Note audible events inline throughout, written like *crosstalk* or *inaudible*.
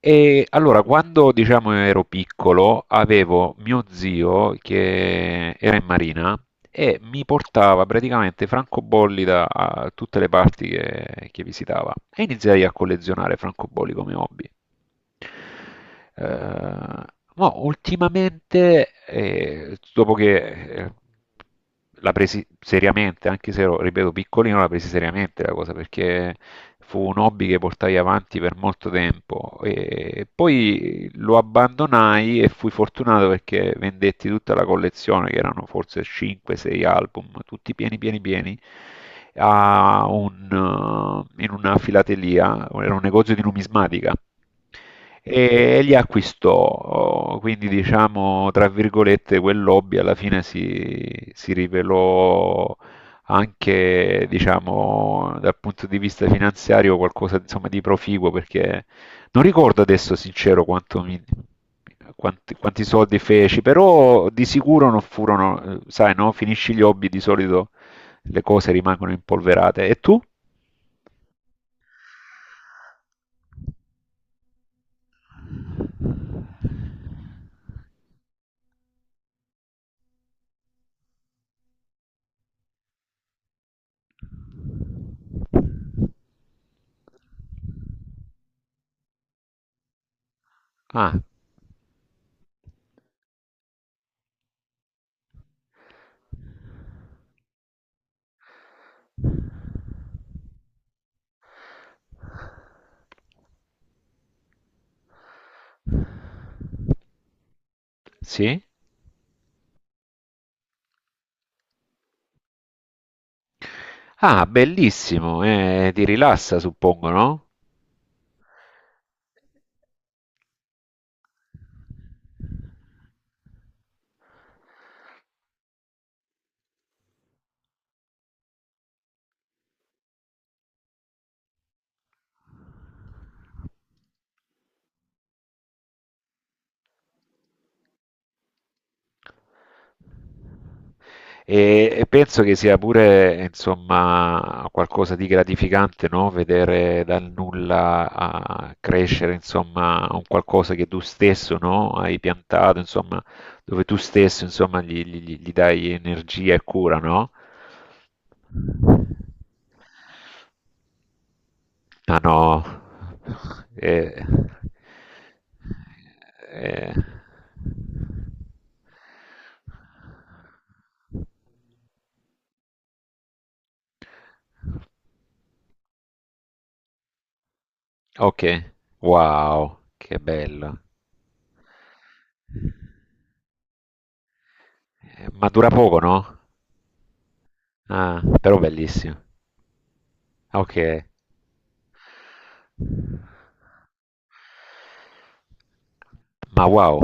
E allora, quando diciamo ero piccolo, avevo mio zio che era in marina e mi portava praticamente francobolli da a tutte le parti che visitava e iniziai a collezionare francobolli come hobby. Eh, no, ultimamente, dopo che la presi seriamente, anche se ero, ripeto, piccolino, la presi seriamente la cosa perché fu un hobby che portai avanti per molto tempo e poi lo abbandonai e fui fortunato perché vendetti tutta la collezione, che erano forse 5-6 album, tutti pieni, pieni, pieni. A un, in una filatelia, era un negozio di numismatica e li acquistò, oh, quindi diciamo, tra virgolette, quel hobby alla fine si rivelò anche, diciamo, dal punto di vista finanziario qualcosa, insomma, di proficuo, perché non ricordo adesso, sincero, quanti, quanti soldi feci, però di sicuro non furono, sai, no? Finisci gli hobby, di solito le cose rimangono impolverate. E tu? Ah, sì? Ah, bellissimo, ti rilassa, suppongo, no? E penso che sia pure, insomma, qualcosa di gratificante, no? Vedere dal nulla a crescere, insomma, un qualcosa che tu stesso, no? Hai piantato, insomma, dove tu stesso, insomma, gli dai energia e cura, no? Ma no, eh, eh, ok, wow, che bello. Ma dura poco, no? Ah, però bellissimo. Ok, ma wow.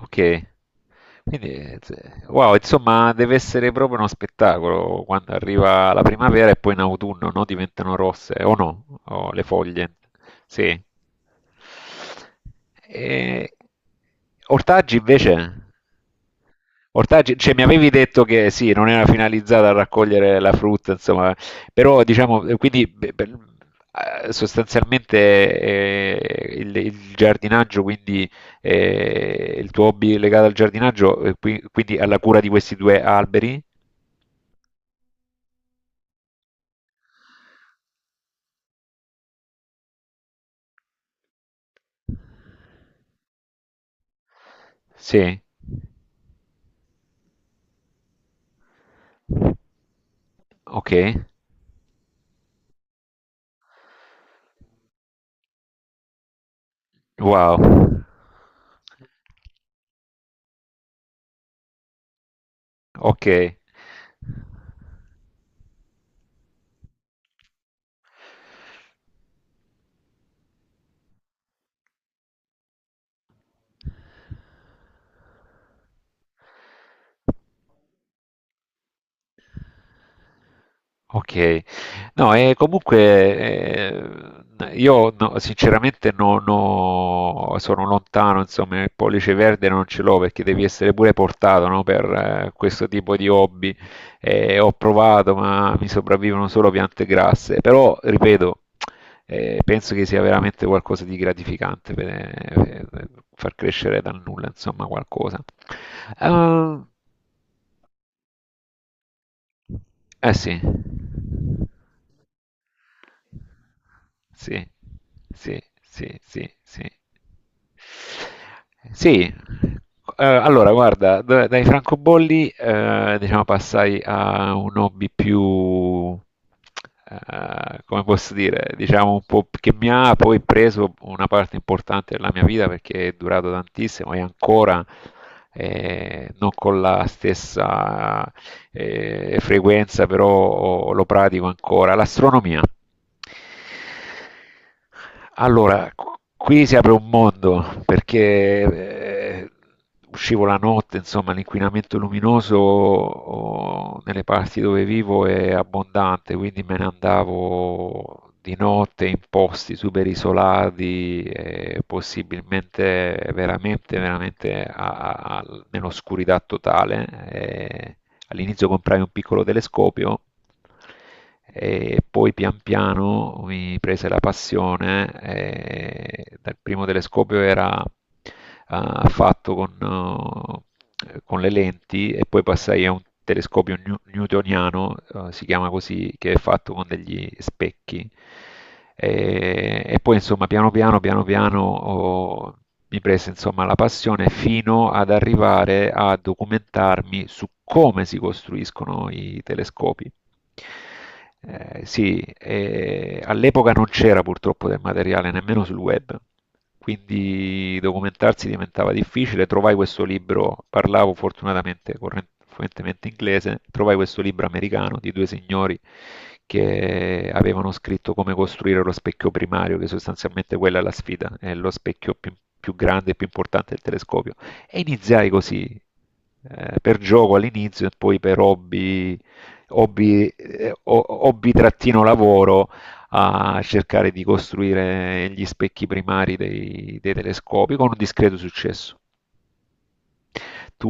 Ok, quindi wow, insomma deve essere proprio uno spettacolo quando arriva la primavera e poi in autunno, no? Diventano rosse o no? O le foglie, sì. E... Ortaggi invece? Ortaggi, cioè mi avevi detto che sì, non era finalizzata a raccogliere la frutta, insomma, però diciamo, quindi beh, beh, sostanzialmente il giardinaggio, quindi il tuo hobby legato al giardinaggio, quindi alla cura di questi due alberi? Sì, ok, wow, ok. Ok, no, e comunque io no- sinceramente non ho- sono lontano, insomma, il pollice verde non ce l'ho perché devi essere pure portato, no, per questo tipo di hobby. Ho provato, ma mi sopravvivono solo piante grasse, però ripeto, penso che sia veramente qualcosa di gratificante per far crescere dal nulla, insomma, qualcosa. Ah, eh sì. Sì, sì, sì, sì, sì. Sì, allora guarda, dai francobolli diciamo passai a un hobby più, come posso dire, diciamo un po' che mi ha poi preso una parte importante della mia vita perché è durato tantissimo e ancora non con la stessa frequenza, però lo pratico ancora. L'astronomia. Allora, qui si apre un mondo perché eh, uscivo la notte, insomma, l'inquinamento luminoso oh, nelle parti dove vivo è abbondante, quindi me ne andavo di notte in posti super isolati, possibilmente veramente, veramente nell'oscurità totale. Eh, All'inizio comprai un piccolo telescopio e poi pian piano mi prese la passione. E dal primo telescopio era ah, con le lenti e poi passai a un telescopio newtoniano, si chiama così, che è fatto con degli specchi e poi insomma piano piano, mi prese insomma la passione fino ad arrivare a documentarmi su come si costruiscono i telescopi. Sì, e all'epoca non c'era purtroppo del materiale nemmeno sul web, quindi documentarsi diventava difficile. Trovai questo libro, parlavo fortunatamente fluentemente inglese, trovai questo libro americano di due signori che avevano scritto come costruire lo specchio primario, che sostanzialmente quella è la sfida, è lo specchio più, più grande e più importante del telescopio. E iniziai così, per gioco all'inizio e poi per hobby hobby, hobby-lavoro a cercare di costruire gli specchi primari dei telescopi con un discreto successo. Tu,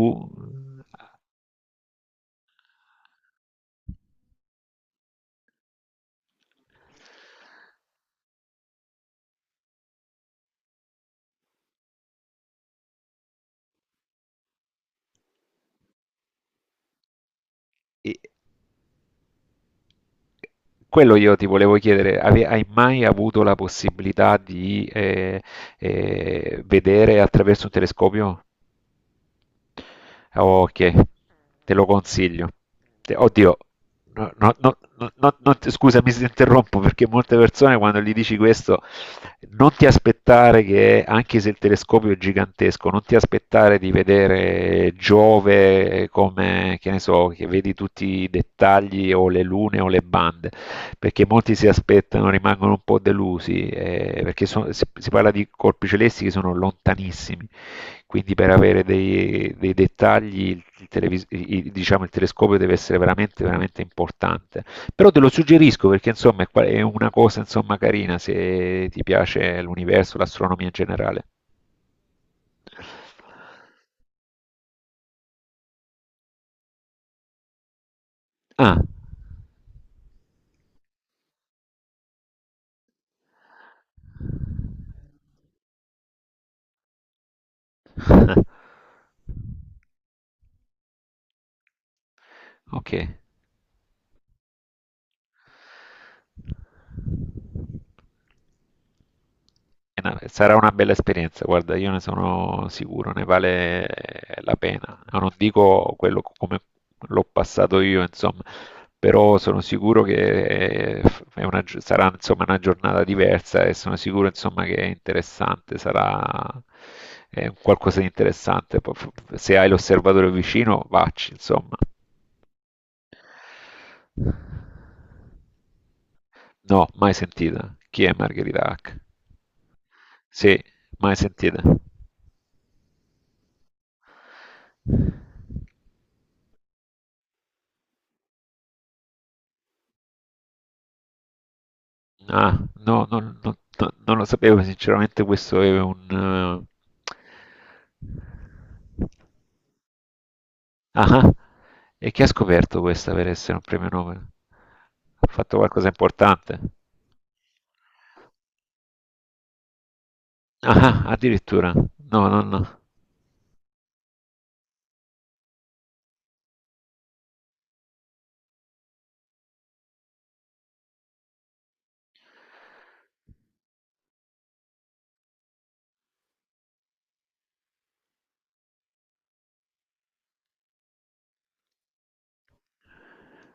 eh, quello io ti volevo chiedere, hai mai avuto la possibilità di vedere attraverso un telescopio? Ok, te lo consiglio. Oddio, non ti- scusami se ti interrompo perché molte persone quando gli dici questo non ti aspettare che, anche se il telescopio è gigantesco, non ti aspettare di vedere Giove come, che ne so, che vedi tutti i dettagli o le lune o le bande perché molti si aspettano, rimangono un po' delusi, perché si parla di colpi celesti che sono lontanissimi, quindi per avere dei dettagli diciamo, il telescopio deve essere veramente, veramente importante. Però te lo suggerisco perché insomma è, è una cosa insomma, carina se ti piace l'universo, l'astronomia in generale. Ah, *laughs* ok. Sarà una bella esperienza, guarda, io ne sono sicuro, ne vale la pena. Ah, non dico quello come l'ho passato io, insomma, però sono sicuro che sarà insomma, una giornata diversa e sono sicuro insomma, che è interessante, sarà qualcosa di interessante. Poi, se hai l'osservatore vicino, vacci, insomma. No, mai sentita. Chi è Margherita Hack? Sì, mai sentita. Ah, non lo sapevo, sinceramente questo è un... eh, ah, e chi ha scoperto questa per essere un premio Nobel? Ha fatto qualcosa importante? Ah, addirittura. No, no, no.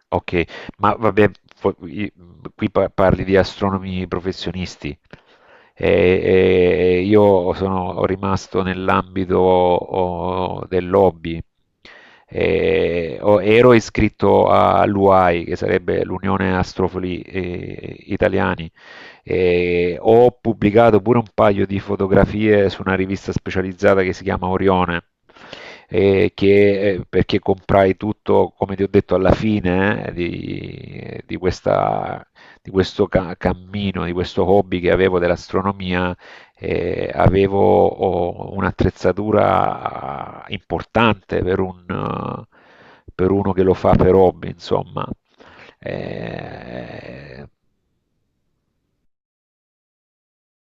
Ok, ma vabbè, qui parli di astronomi professionisti, e io sono rimasto nell'ambito oh, del lobby. E, oh, ero iscritto all'UAI, che sarebbe l'Unione Astrofoli Italiani. E ho pubblicato pure un paio di fotografie su una rivista specializzata che si chiama Orione. Eh, perché comprai tutto, come ti ho detto, alla fine di questa cammino, di questo hobby che avevo dell'astronomia, avevo oh, un'attrezzatura importante per, un, per uno che lo fa per hobby, insomma. Eh,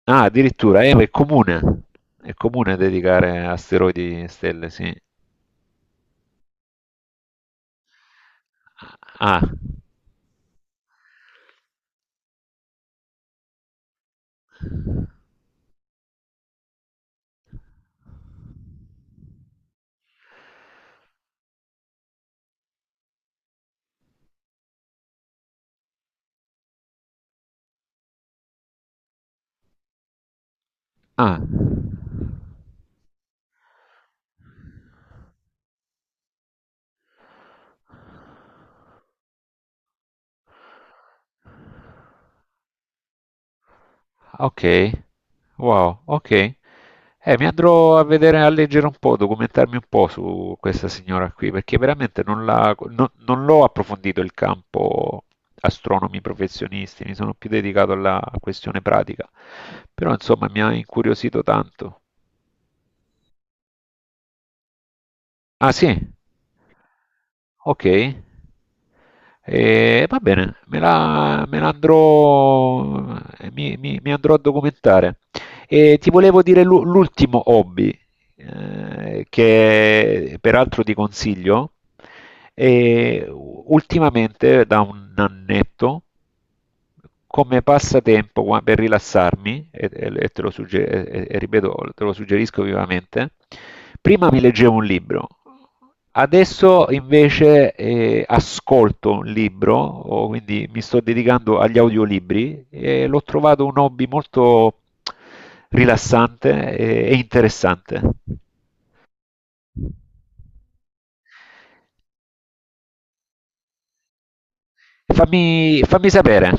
ah, è comune dedicare asteroidi e stelle, sì. Ah, ah. Ok, wow, ok. Mi andrò a vedere, a leggere un po', documentarmi un po' su questa signora qui, perché veramente non la- non- non l'ho approfondito il campo astronomi professionisti, mi sono più dedicato alla questione pratica. Però insomma mi ha incuriosito tanto. Ah sì? Okay. Va bene, me la andrò mi mi mi andrò a documentare. E ti volevo dire l'ultimo hobby, che peraltro ti consiglio, e ultimamente da un annetto come passatempo per rilassarmi, te lo ripeto, te lo suggerisco vivamente, prima mi leggevo un libro, adesso invece ascolto un libro, o quindi mi sto dedicando agli audiolibri e l'ho trovato un hobby molto rilassante e interessante. Fammi sapere.